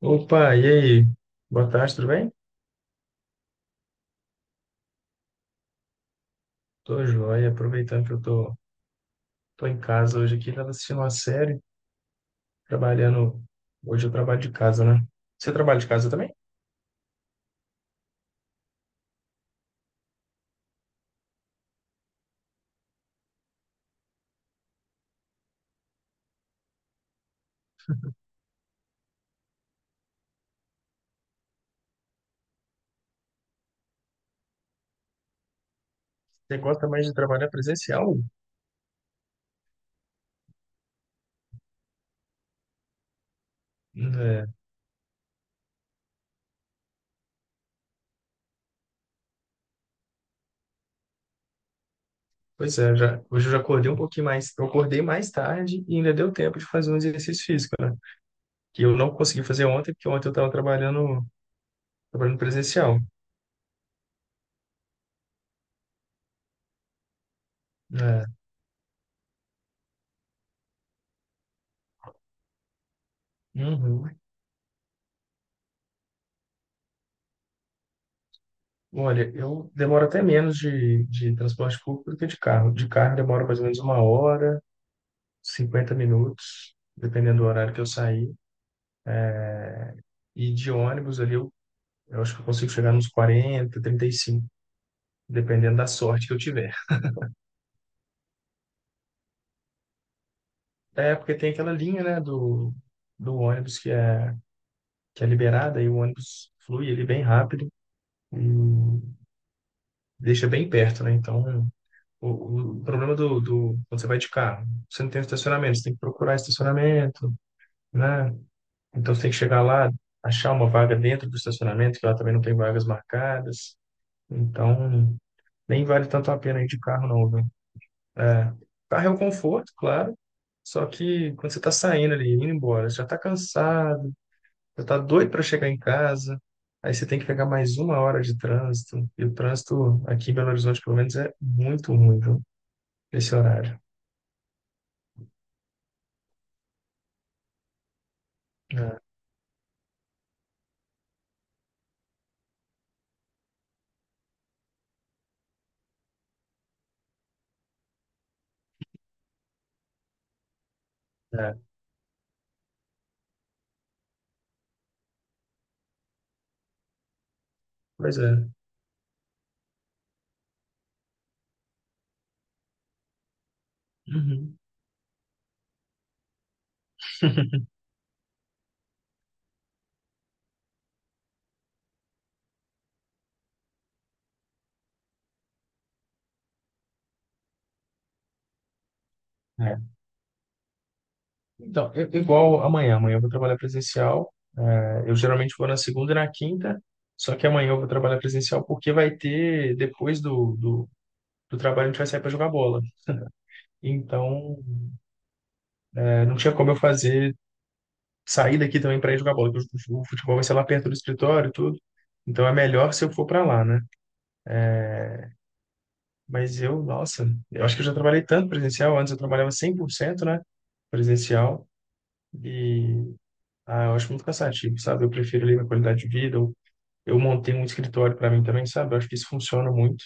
Opa, e aí? Boa tarde, tudo bem? Tô joia, aproveitando que eu tô em casa hoje aqui, tava assistindo uma série, trabalhando. Hoje eu trabalho de casa, né? Você trabalha de casa também? Você gosta mais de trabalhar presencial? É, pois é, já, hoje eu já acordei um pouquinho mais, eu acordei mais tarde e ainda deu tempo de fazer um exercício físico, né? Que eu não consegui fazer ontem, porque ontem eu tava trabalhando presencial. É. Uhum. Olha, eu demoro até menos de transporte público do que de carro. De carro demora mais ou menos uma hora, 50 minutos, dependendo do horário que eu sair. E de ônibus ali, eu acho que eu consigo chegar nos 40 35 dependendo da sorte que eu tiver. É, porque tem aquela linha, né, do ônibus que é liberada e o ônibus flui ali bem rápido e deixa bem perto, né? Então, o problema quando você vai de carro, você não tem estacionamento, você tem que procurar estacionamento, né? Então, você tem que chegar lá, achar uma vaga dentro do estacionamento, que lá também não tem vagas marcadas. Então, nem vale tanto a pena ir de carro, não, viu? É, carro é um conforto, claro, só que quando você tá saindo ali, indo embora, você já tá cansado, já tá doido para chegar em casa, aí você tem que pegar mais uma hora de trânsito, e o trânsito aqui em Belo Horizonte, pelo menos, é muito ruim, viu? Esse horário. É, é. Pois é. Uhum. É. Então, igual amanhã eu vou trabalhar presencial. É, eu geralmente vou na segunda e na quinta, só que amanhã eu vou trabalhar presencial porque vai ter, depois do trabalho a gente vai sair para jogar bola. Então, é, não tinha como eu fazer sair daqui também para ir jogar bola, porque o futebol vai ser lá perto do escritório e tudo. Então é melhor se eu for para lá, né? Mas eu, nossa, eu acho que eu já trabalhei tanto presencial, antes eu trabalhava 100%, né, presencial e ah, eu acho muito cansativo, sabe? Eu prefiro ali minha qualidade de vida, eu montei um escritório para mim também, sabe? Eu acho que isso funciona muito.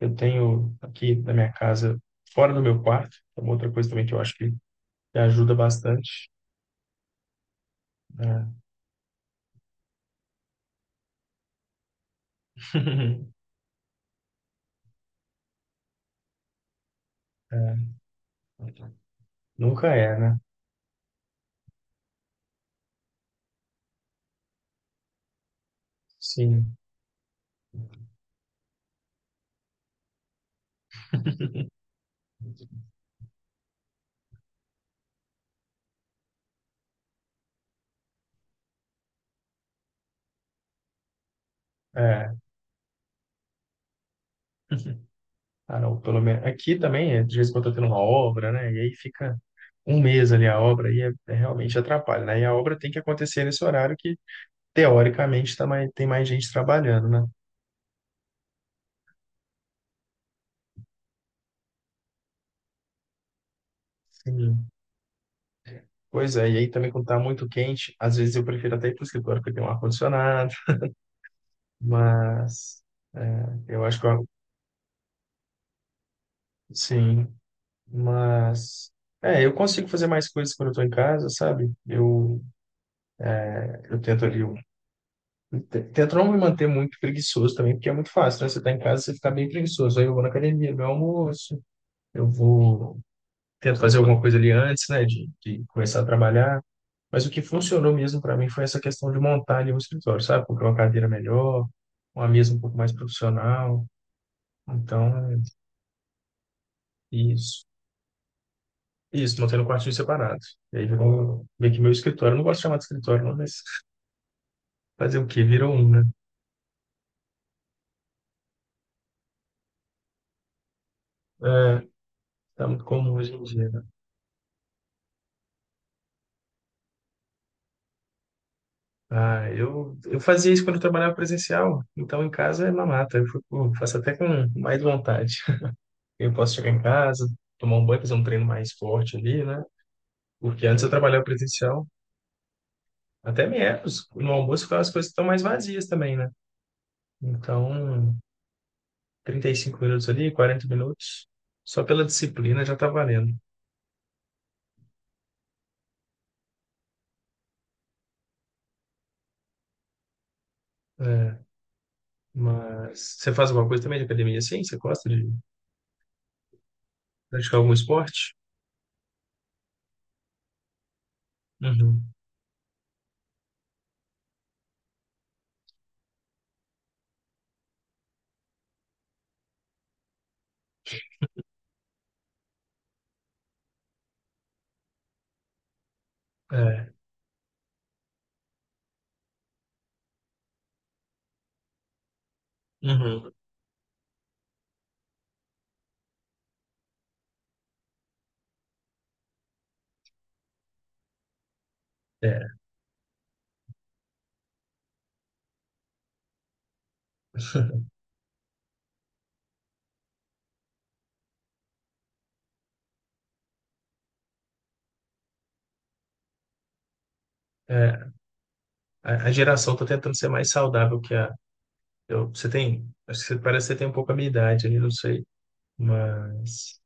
Eu tenho aqui na minha casa, fora do meu quarto, é uma outra coisa também que eu acho que ajuda bastante. Né? É, nunca é, né? Sim. É. Ah, não, pelo menos aqui também, é, de vez em quando tá tendo uma obra, né? E aí fica um mês ali a obra e é realmente atrapalha, né? E a obra tem que acontecer nesse horário que, teoricamente, tá mais, tem mais gente trabalhando, né? Sim. Pois é, e aí também quando tá muito quente, às vezes eu prefiro até ir pro escritório porque tem um ar-condicionado, mas é, eu acho que, sim, mas, é, eu consigo fazer mais coisas quando eu tô em casa, sabe? Eu tento ali, eu tento não me manter muito preguiçoso também, porque é muito fácil, né? Você tá em casa, você fica bem preguiçoso. Aí eu vou na academia, meu almoço, eu vou, tento fazer alguma coisa ali antes, né, de começar a trabalhar. Mas o que funcionou mesmo para mim foi essa questão de montar ali um escritório, sabe? Comprar uma cadeira melhor, uma mesa um pouco mais profissional. Então, é isso. Isso, mantendo o quartinho separado. E aí virou meio que meu escritório. Eu não gosto de chamar de escritório, não, mas fazer o quê? Virou um, né? É, tá muito comum hoje em dia, né? Ah, eu fazia isso quando eu trabalhava presencial, então em casa é mamata. Faço até com mais vontade. Eu posso chegar em casa, tomar um banho, fazer um treino mais forte ali, né? Porque antes eu trabalhava presencial, até menos. No almoço as coisas estão mais vazias também, né? Então, 35 minutos ali, 40 minutos, só pela disciplina já tá valendo. É, mas você faz alguma coisa também de academia assim? Você gosta de praticar algum esporte? Uhum. É, uhum, é, é. A geração está tentando ser mais saudável que a. Eu, você tem. Acho que você, parece que você tem um pouco a minha idade ali, não sei. Mas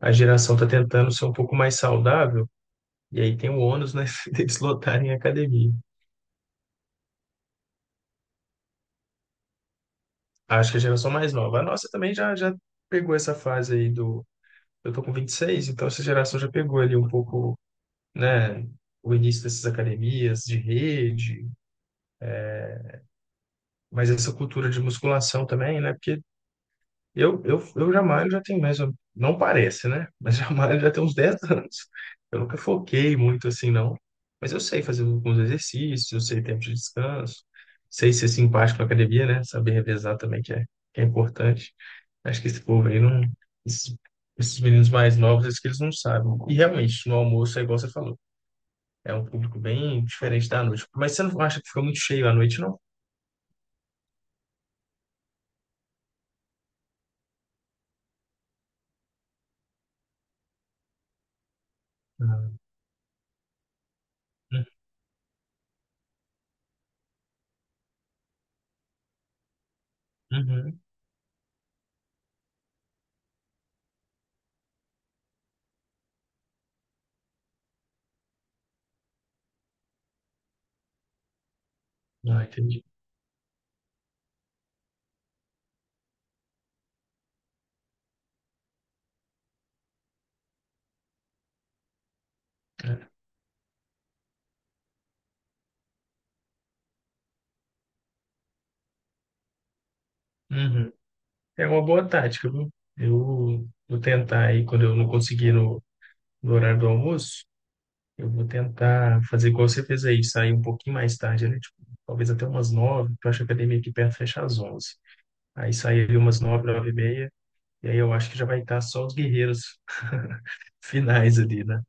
a geração está tentando ser um pouco mais saudável, e aí tem o ônus, né, deles lotarem a academia. Acho que a geração mais nova. A nossa também já pegou essa fase aí do. Eu tô com 26 então essa geração já pegou ali um pouco, né, o início dessas academias de rede, mas essa cultura de musculação também, né? Eu jamais já tenho mais, não parece, né? Mas jamais já tem uns 10 anos. Eu nunca foquei muito assim, não. Mas eu sei fazer alguns exercícios, eu sei tempo de descanso, sei ser simpático na academia, né? Saber revezar também, que é importante. Acho que esse povo aí não. Esses, esses meninos mais novos, acho que eles não sabem. E realmente, no almoço é igual você falou. É um público bem diferente da noite. Mas você não acha que fica muito cheio à noite, não? Não. Uhum. Ah, entendi. É. Uhum. É uma boa tática, viu? Eu vou tentar aí, quando eu não conseguir no horário do almoço, eu vou tentar fazer igual você fez aí, sair um pouquinho mais tarde, né? Tipo, talvez até umas 9h, porque eu acho que a academia aqui perto fecha às 11h. Aí sair ali umas 9h, 9h30, e aí eu acho que já vai estar só os guerreiros finais ali, né?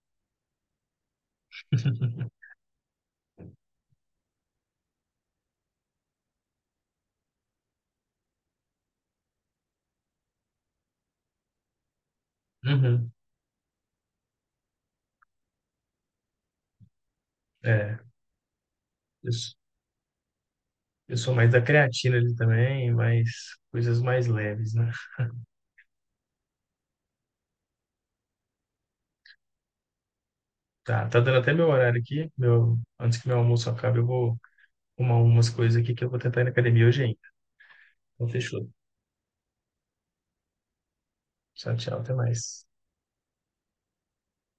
Uhum. É, eu, sou- eu sou mais da creatina ali também, mais coisas mais leves, né? Tá, tá dando até meu horário aqui, meu, antes que meu almoço acabe, eu vou umas coisas aqui que eu vou tentar ir na academia hoje ainda. Então, fechou. Tchau, tchau. Até mais.